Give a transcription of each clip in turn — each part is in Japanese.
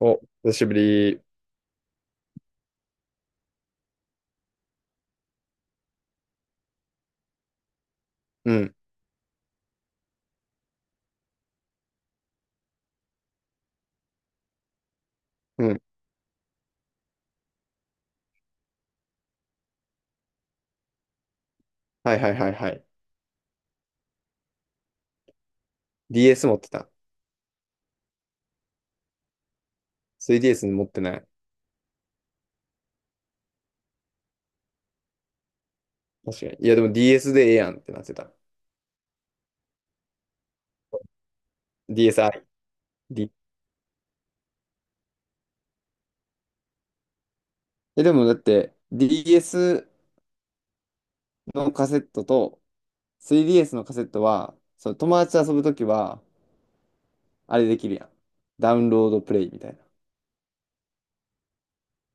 お、久しぶり。うん、うん。はいはいはいはい。DS 持ってた。3DS 持ってない。確かに。いやでも DS でええやんってなってた。DSi。D でもだって DS のカセットと 3DS のカセットは、その友達と遊ぶときは、あれできるやん。ダウンロードプレイみたいな。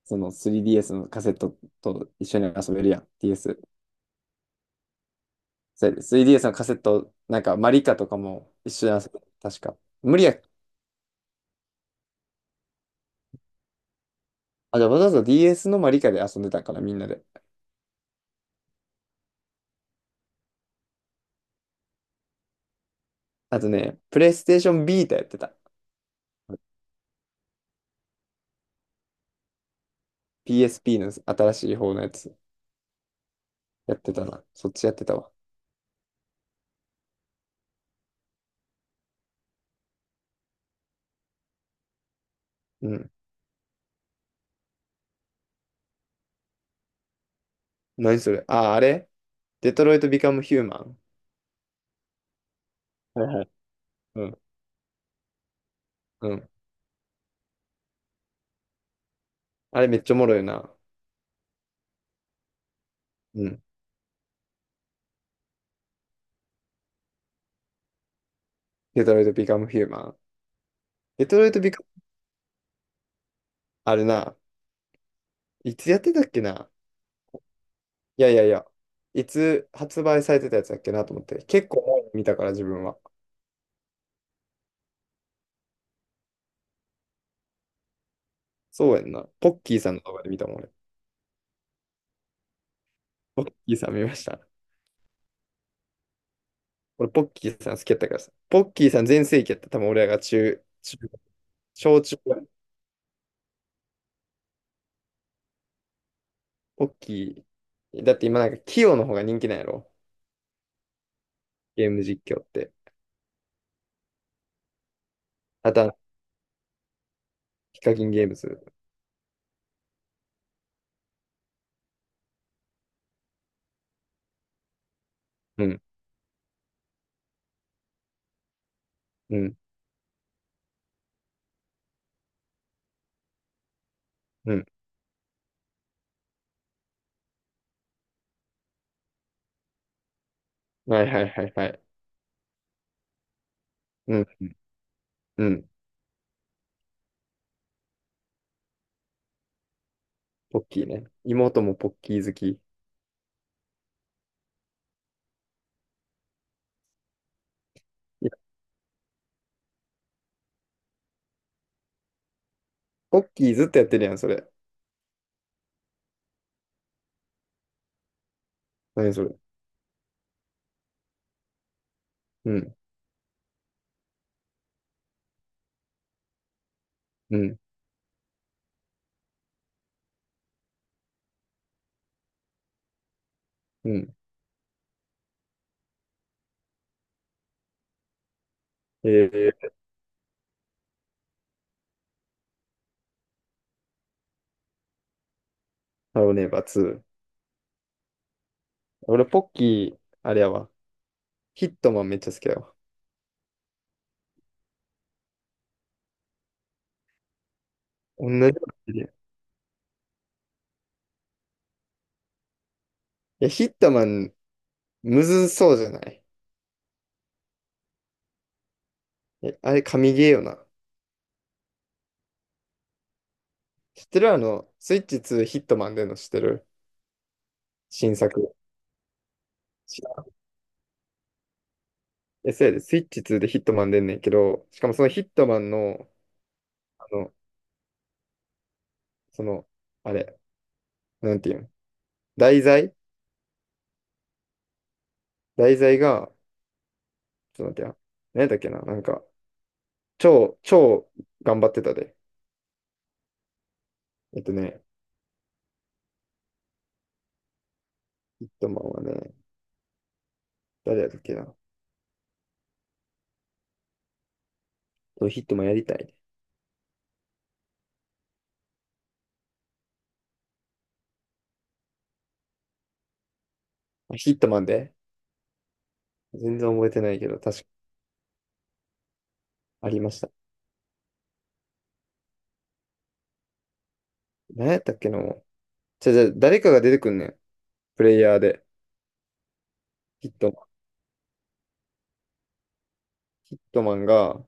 その 3DS のカセットと一緒に遊べるやん。DS。そうやで 3DS のカセット、なんかマリカとかも一緒に遊べる。確か。無理やっあ、じゃあわざわざ DS のマリカで遊んでたんかな、みんなで。あとね、プレイステーションビータやってた。PSP の新しい方のやつ。やってたな。そっちやってたわ。うん。何それ？デトロイト・ビカム・ヒューマン。はいはい。うん。うん。あれめっちゃおもろいな。うん。デトロイト・ビカム・ヒューマン。デトロイト・ビカム、あれな。いつやってたっけな。いやいやいや。いつ発売されてたやつだっけなと思って。結構前に見たから自分は。そうやんな。ポッキーさんの動画で見たもん俺。ポッキーさん見ました。俺、ポッキーさん好きやったからさ。ポッキーさん全盛期やった。多分俺らが小中ぐらい、ポッキー。だって今なんか、キヨの方が人気なんやろ。ゲーム実況って。あとは、ヒカキンゲームズ。うん、うん、うん。はいはいはいはい。うん、うん、うん。ポッキーね。妹もポッキー好き。いや、ポッキーずっとやってるやん、それ。何それ。うん、うん、うん。えー、ハローネイバー2。俺、ポッキー、あれやわ。ヒットマンめっちゃ好きやわ。同じこと言ってるやん。いや、ヒットマン、むずそうじゃない？え、あれ、神ゲーよな。知ってる？あの、スイッチ2ヒットマン出んの知ってる？新作。知らん。え、そうやで、スイッチ2でヒットマン出んねんけど、しかもそのヒットマンの、あの、その、あれ、なんていうん、題材、が、ちょっと待ってや。何だっけな、なんか、超頑張ってたで。えっとね、ヒットマンはね、誰やったっけな。そうヒットマンやりたいね。あヒットマンで全然覚えてないけど、確かありました。何やったっけの。じゃじゃ誰かが出てくんねん。プレイヤーで。ヒットマン。ヒットマンが、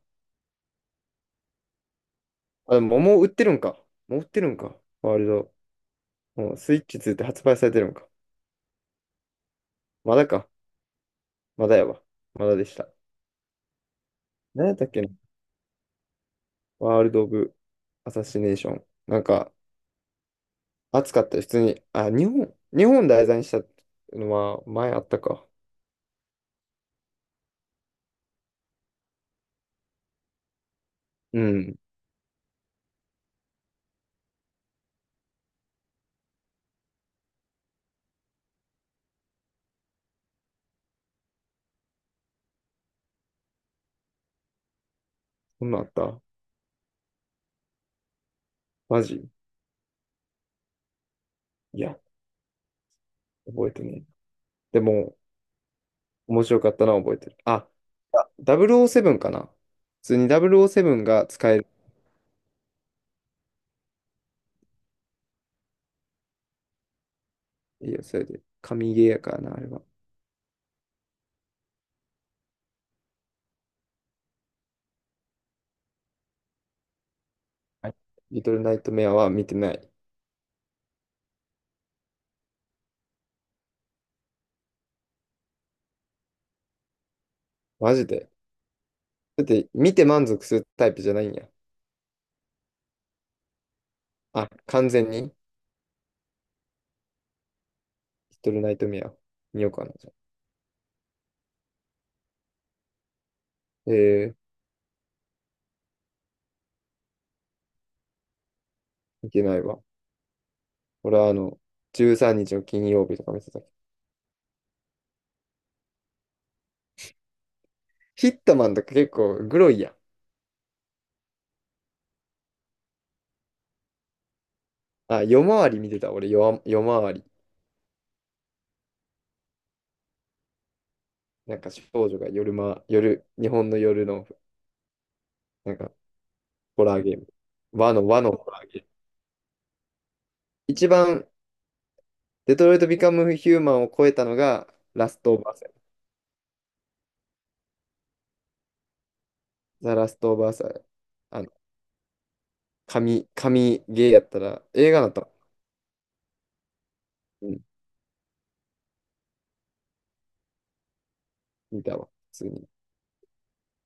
あ、でももう売ってるんか。もう売ってるんか。ワールド。もうスイッチ2って発売されてるんか。まだか。まだやわ。まだでした。何やったっけな。ワールド・オブ・アサシネーション。なんか、暑かったよ。普通に。あ、日本題材にしたのは前あったか。うん。そんなんあった？マジ？いや、覚えてねえ。でも、面白かったな、覚えてる。あ、007かな。普通に007が使える。いいよ、それで。神ゲーやからな、あれは。はい。リトルナイトメアは見てない。マジで。だって、見て満足するタイプじゃないんや。あ、完全に、リトルナイトメア見ようかな、じゃあ。えー、見てないわ。俺はあの、13日の金曜日とか見てたけど。ヒットマンとか結構グロいやん。あ、夜回り見てた、俺、夜回り。なんか少女が夜、日本の夜の、なんか、ホラーゲーム。和のホラーゲーム。一番、デトロイト・ビカム・ヒューマンを超えたのが、ラスト・オブ・アス。ザ・ラスト・オブ・アス、あの、神ゲーやったら、映画だったら、うん、見たわ、普通に。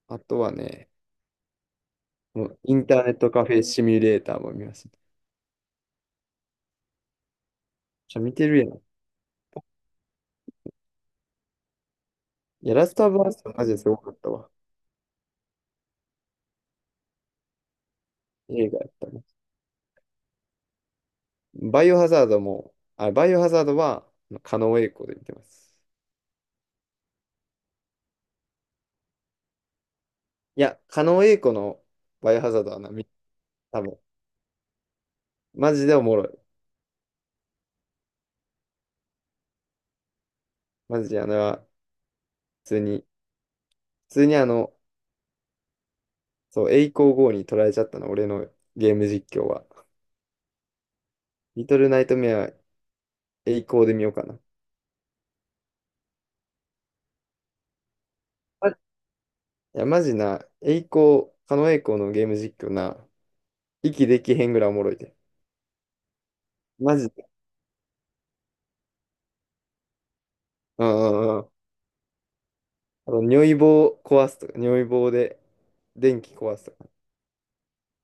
あとはね、もうインターネットカフェシミュレーターも見ました。じゃ見てるやん。いや、ラスト・オブ・アスはマジですごかったわ。映画やったね。バイオハザードも、あ、バイオハザードは、狩野英孝で見てます。いや、狩野英孝のバイオハザードはな、多分、マジでおもろい。マジであのは、普通に、普通にあの、そう、栄光号に取られちゃったの、俺のゲーム実況は。リトルナイトメア、栄光で見ようかな。いや、マジな、栄光、狩野英孝のゲーム実況な、息できへんぐらいおもろいで。マジで。うんうんうん。あの、尿意棒壊すとか、尿意棒で電気壊すとか、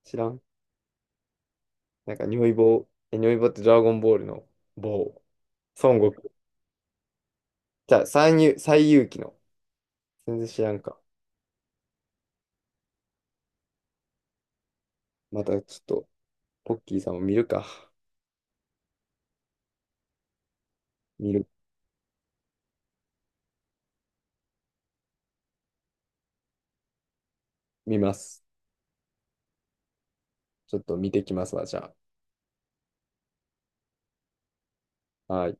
知らん。なんか尿意棒、え、尿意棒ってドラゴンボールの棒。孫悟空。じゃあ、最遊記の。全然知らんか。またちょっと、ポッキーさんを見るか。見る、見ます。ちょっと見てきますわ、じゃあ。はい。